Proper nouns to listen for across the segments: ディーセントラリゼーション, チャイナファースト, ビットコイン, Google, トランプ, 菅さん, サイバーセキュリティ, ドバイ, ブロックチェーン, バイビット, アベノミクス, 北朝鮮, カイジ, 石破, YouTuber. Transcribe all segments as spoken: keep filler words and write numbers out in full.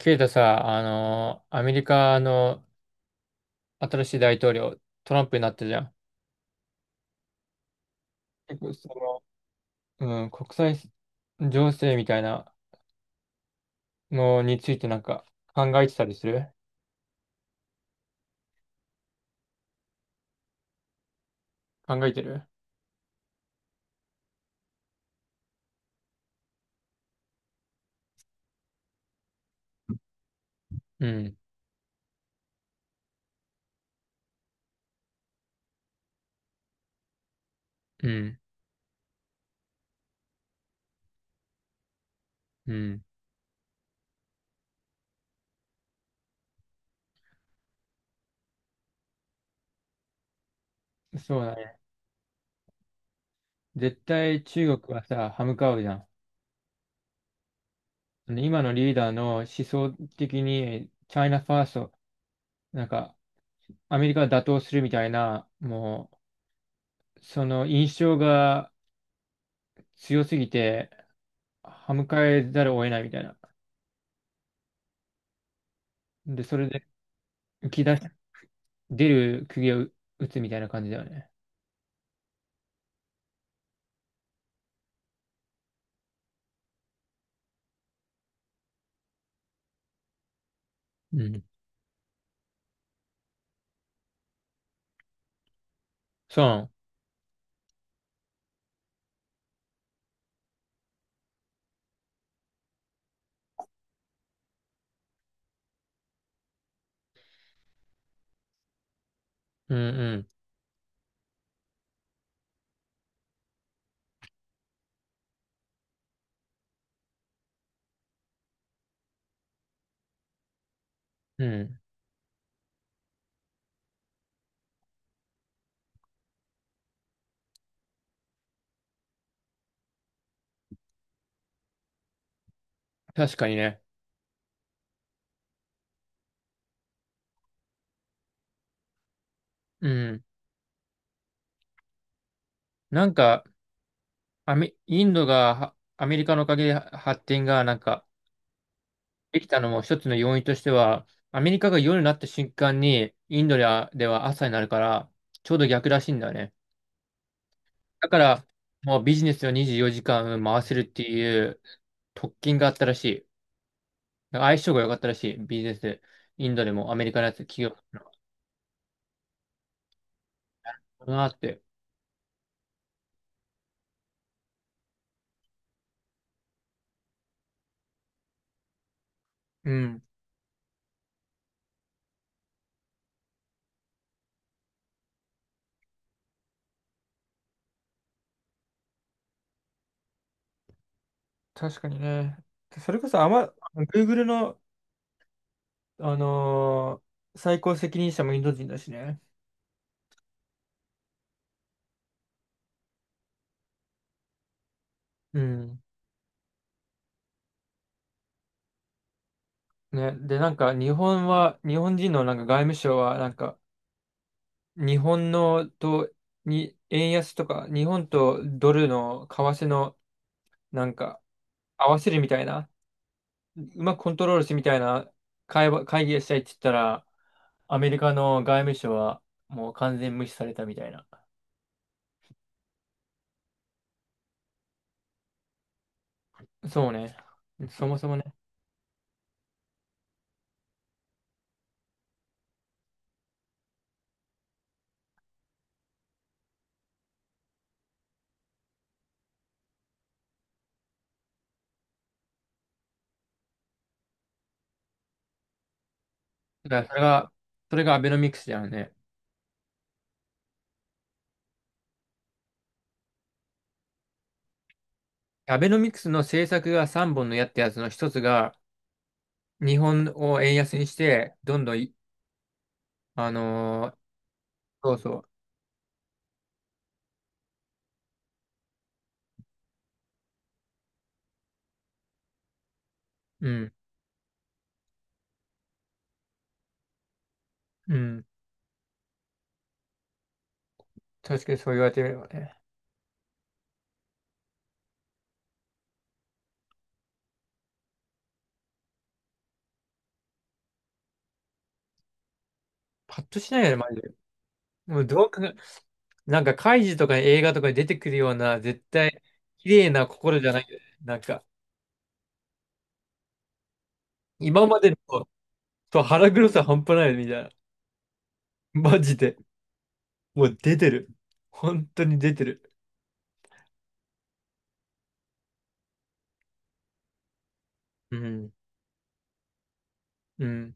ケイタさ、あのーアメリカの新しい大統領、トランプになったじゃん。結構その、うん、国際情勢みたいなのについてなんか考えてたりする考えてる。うん、うん、うん。そうだね。絶対中国はさ、歯向かうじゃん。その今のリーダーの思想的に、チャイナファースト、なんか、アメリカを打倒するみたいな、もう、その印象が強すぎて、歯向かえざるを得ないみたいな。で、それで浮き出し、出る釘を打つみたいな感じだよね。うん。そう。うんうん。うん。確かにね。うん。なんか、アメ、インドがはアメリカのおかげでは発展がなんかできたのも一つの要因としては、アメリカが夜になった瞬間にインドでは、では朝になるから、ちょうど逆らしいんだよね。だから、もうビジネスをにじゅうよじかん回せるっていう特権があったらしい。なんか相性が良かったらしい、ビジネス。インドでもアメリカのやつ、企業。なって。うん。確かにね。それこそ、あま、Google の、あのー最高責任者もインド人だしね。うん。ね。で、なんか、日本は、日本人のなんか外務省は、なんか、日本のと、に、円安とか、日本とドルの為替の、なんか、合わせるみたいな、うまくコントロールしてみたいな会話、会議をしたいって言ったら、アメリカの外務省はもう完全無視されたみたいな。そうね。そもそもね。だからそれが、それがアベノミクスだよね。アベノミクスの政策がさんぼんの矢ってやつの一つが、日本を円安にして、どんどんい、あのーそうそう、うん、うん、確かにそう言われてみればね。パッとしないよね、マジで。もうどうか、なんか、カイジとか映画とかに出てくるような、絶対、綺麗な心じゃないよね。なんか、今までの、と腹黒さ半端ないよねみたいな。マジで。もう出てる。本当に出てる。うん。うん。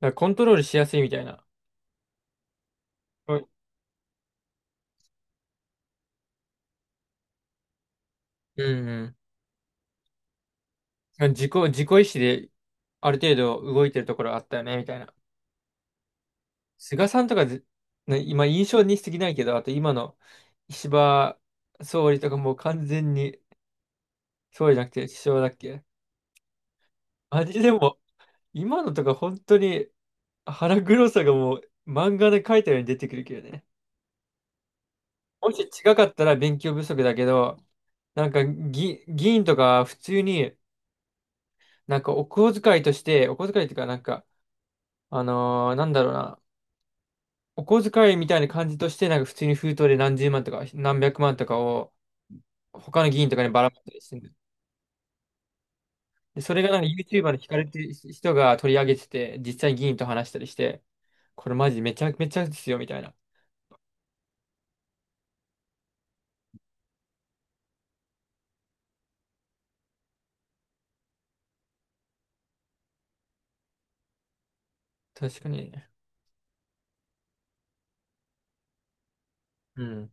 だからコントロールしやすいみたいな。うんうんうん。自己、自己意志である程度動いてるところあったよね、みたいな。菅さんとかず、ね今印象に過ぎないけど、あと今の石破総理とかもう完全に、総理じゃなくて首相だっけ。あれでも、今のとか本当に腹黒さがもう漫画で描いたように出てくるけどね。もし違かったら勉強不足だけど、なんか議、議員とか普通になんかお小遣いとして、お小遣いとかなんかあのーなんだろうな。お小遣いみたいな感じとして、なんか普通に封筒で何十万とか何百万とかを他の議員とかにばらまいたりしてる。で、それがなんか YouTuber に惹かれてる人が取り上げてて、実際に議員と話したりして、これマジめちゃめちゃですよ、みたいな。確かに。うん。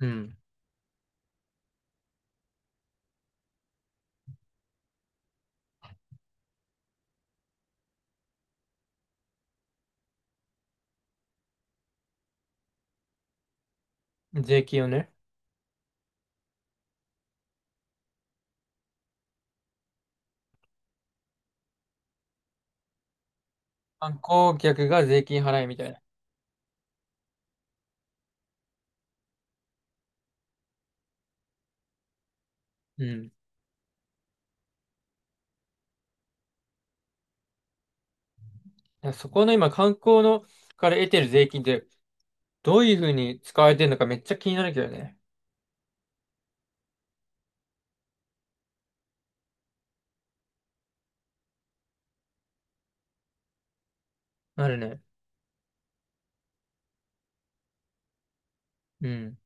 うん。税金をね。観光客が税金払いみたいな。うん。だからそこの今、観光のから得てる税金ってどういう風に使われてるのかめっちゃ気になるけどね。なるね。うん。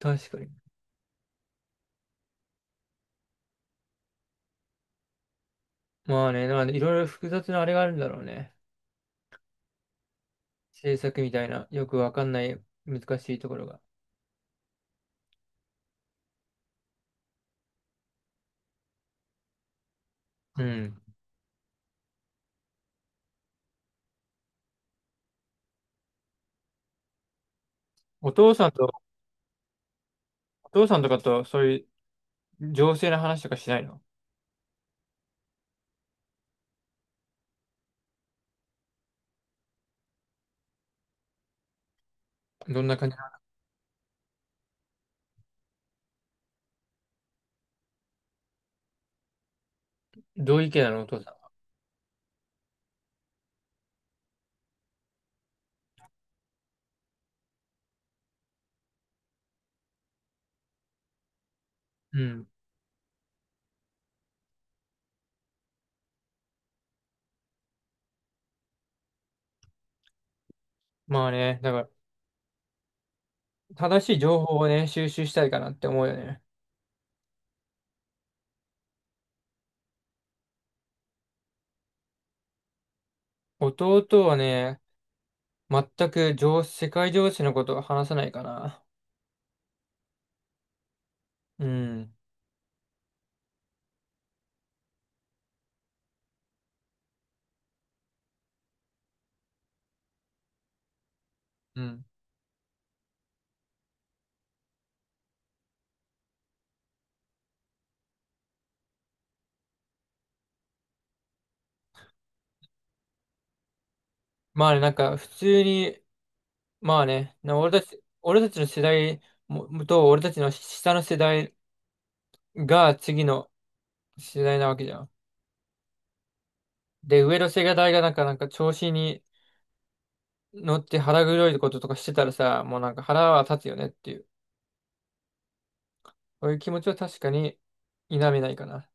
確かに。まあね、なんでいろいろ複雑なあれがあるんだろうね。制作みたいな、よくわかんない難しいところが。うん。お父さんと、お父さんとかとそういう情勢の話とかしないの？どんな感じなの？どういう意見なのお父さんは？うん。まあね、だから正しい情報をね、収集したいかなって思うよね。弟はね、全く情、世界情勢のことを話さないかな。うん。うん。まあね、なんか普通に。まあね、な俺たち、俺たちの世代もと、俺たちの下の世代が次の世代なわけじゃん。で、上の世代がなんか、なんか調子に乗って腹黒いこととかしてたらさ、もうなんか腹は立つよねっていう、そういう気持ちは確かに否めないかな。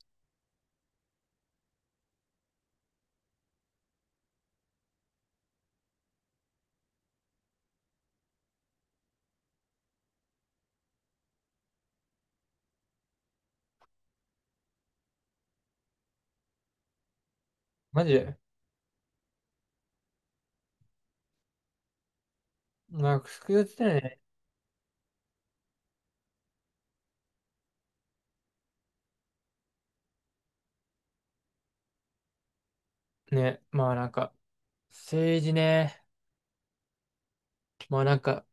マジでなんか複雑だよね。ね、まあなんか、政治ね、まあなんか、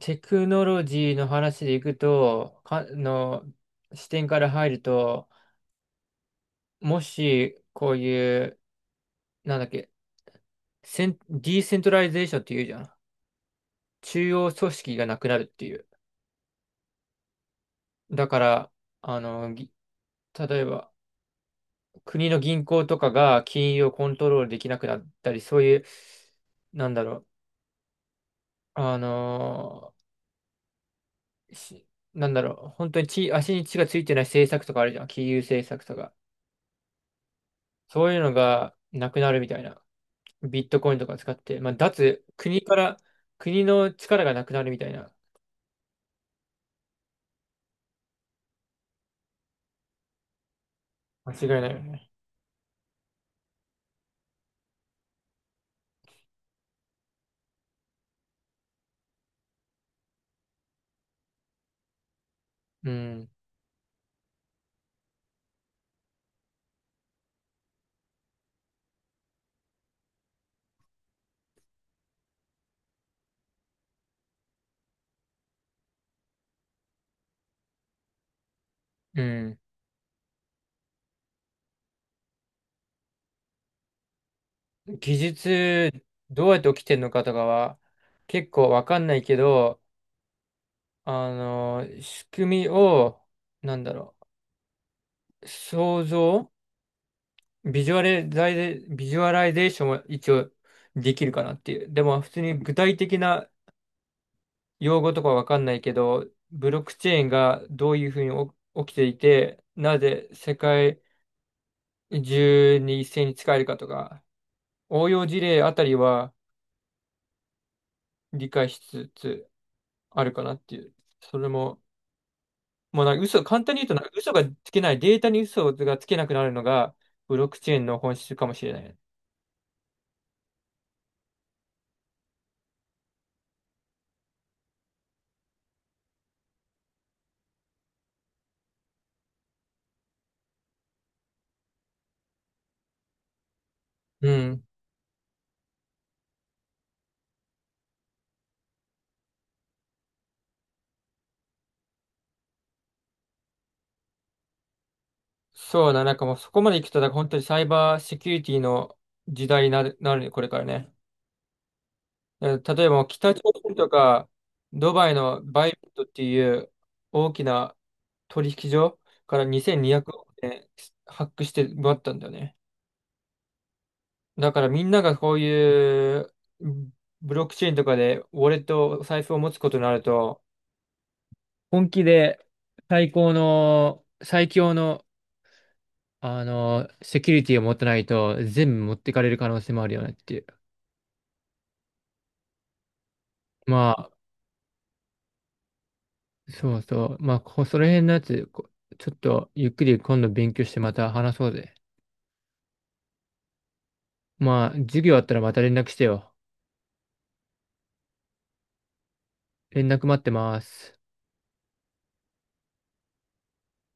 テクノロジーの話でいくと、か、の視点から入ると、もし、こういう、なんだっけ、セン、ディーセントラリゼーションって言うじゃん。中央組織がなくなるっていう。だから、あの、ぎ例えば、国の銀行とかが金融をコントロールできなくなったり、そういう、なんだろう、あのーしなんだろう、本当に地足に血がついてない政策とかあるじゃん。金融政策とか。そういうのがなくなるみたいな。ビットコインとか使って、まあ、脱、国から、国の力がなくなるみたいな。間違いないよね。うん。うん。技術どうやって起きてるのかとかは結構わかんないけど、あの、仕組みを、なんだろう、想像、ビジュアライゼ、ビジュアライゼーションは一応できるかなっていう。でも普通に具体的な用語とかわかんないけど、ブロックチェーンがどういうふうにお起きていて、なぜ世界中に一斉に使えるかとか、応用事例あたりは理解しつつあるかなっていう。それももうなんか嘘、簡単に言うとなんか嘘がつけない、データに嘘がつけなくなるのが、ブロックチェーンの本質かもしれない。うん。そうだ、なんかもうそこまで行くと、なんか本当にサイバーセキュリティの時代になる、なるね、これからね。だから例えばもう北朝鮮とか、ドバイのバイビットっていう大きな取引所からにせんにひゃくおく円発掘して奪ったんだよね。だからみんながこういうブロックチェーンとかでウォレット、お財布を持つことになると、本気で最高の、最強の、あの、セキュリティを持ってないと全部持ってかれる可能性もあるよねっていう。まあ、そうそう。まあ、こその辺のやつ、こちょっとゆっくり今度勉強してまた話そうぜ。まあ、授業あったらまた連絡してよ。連絡待ってます。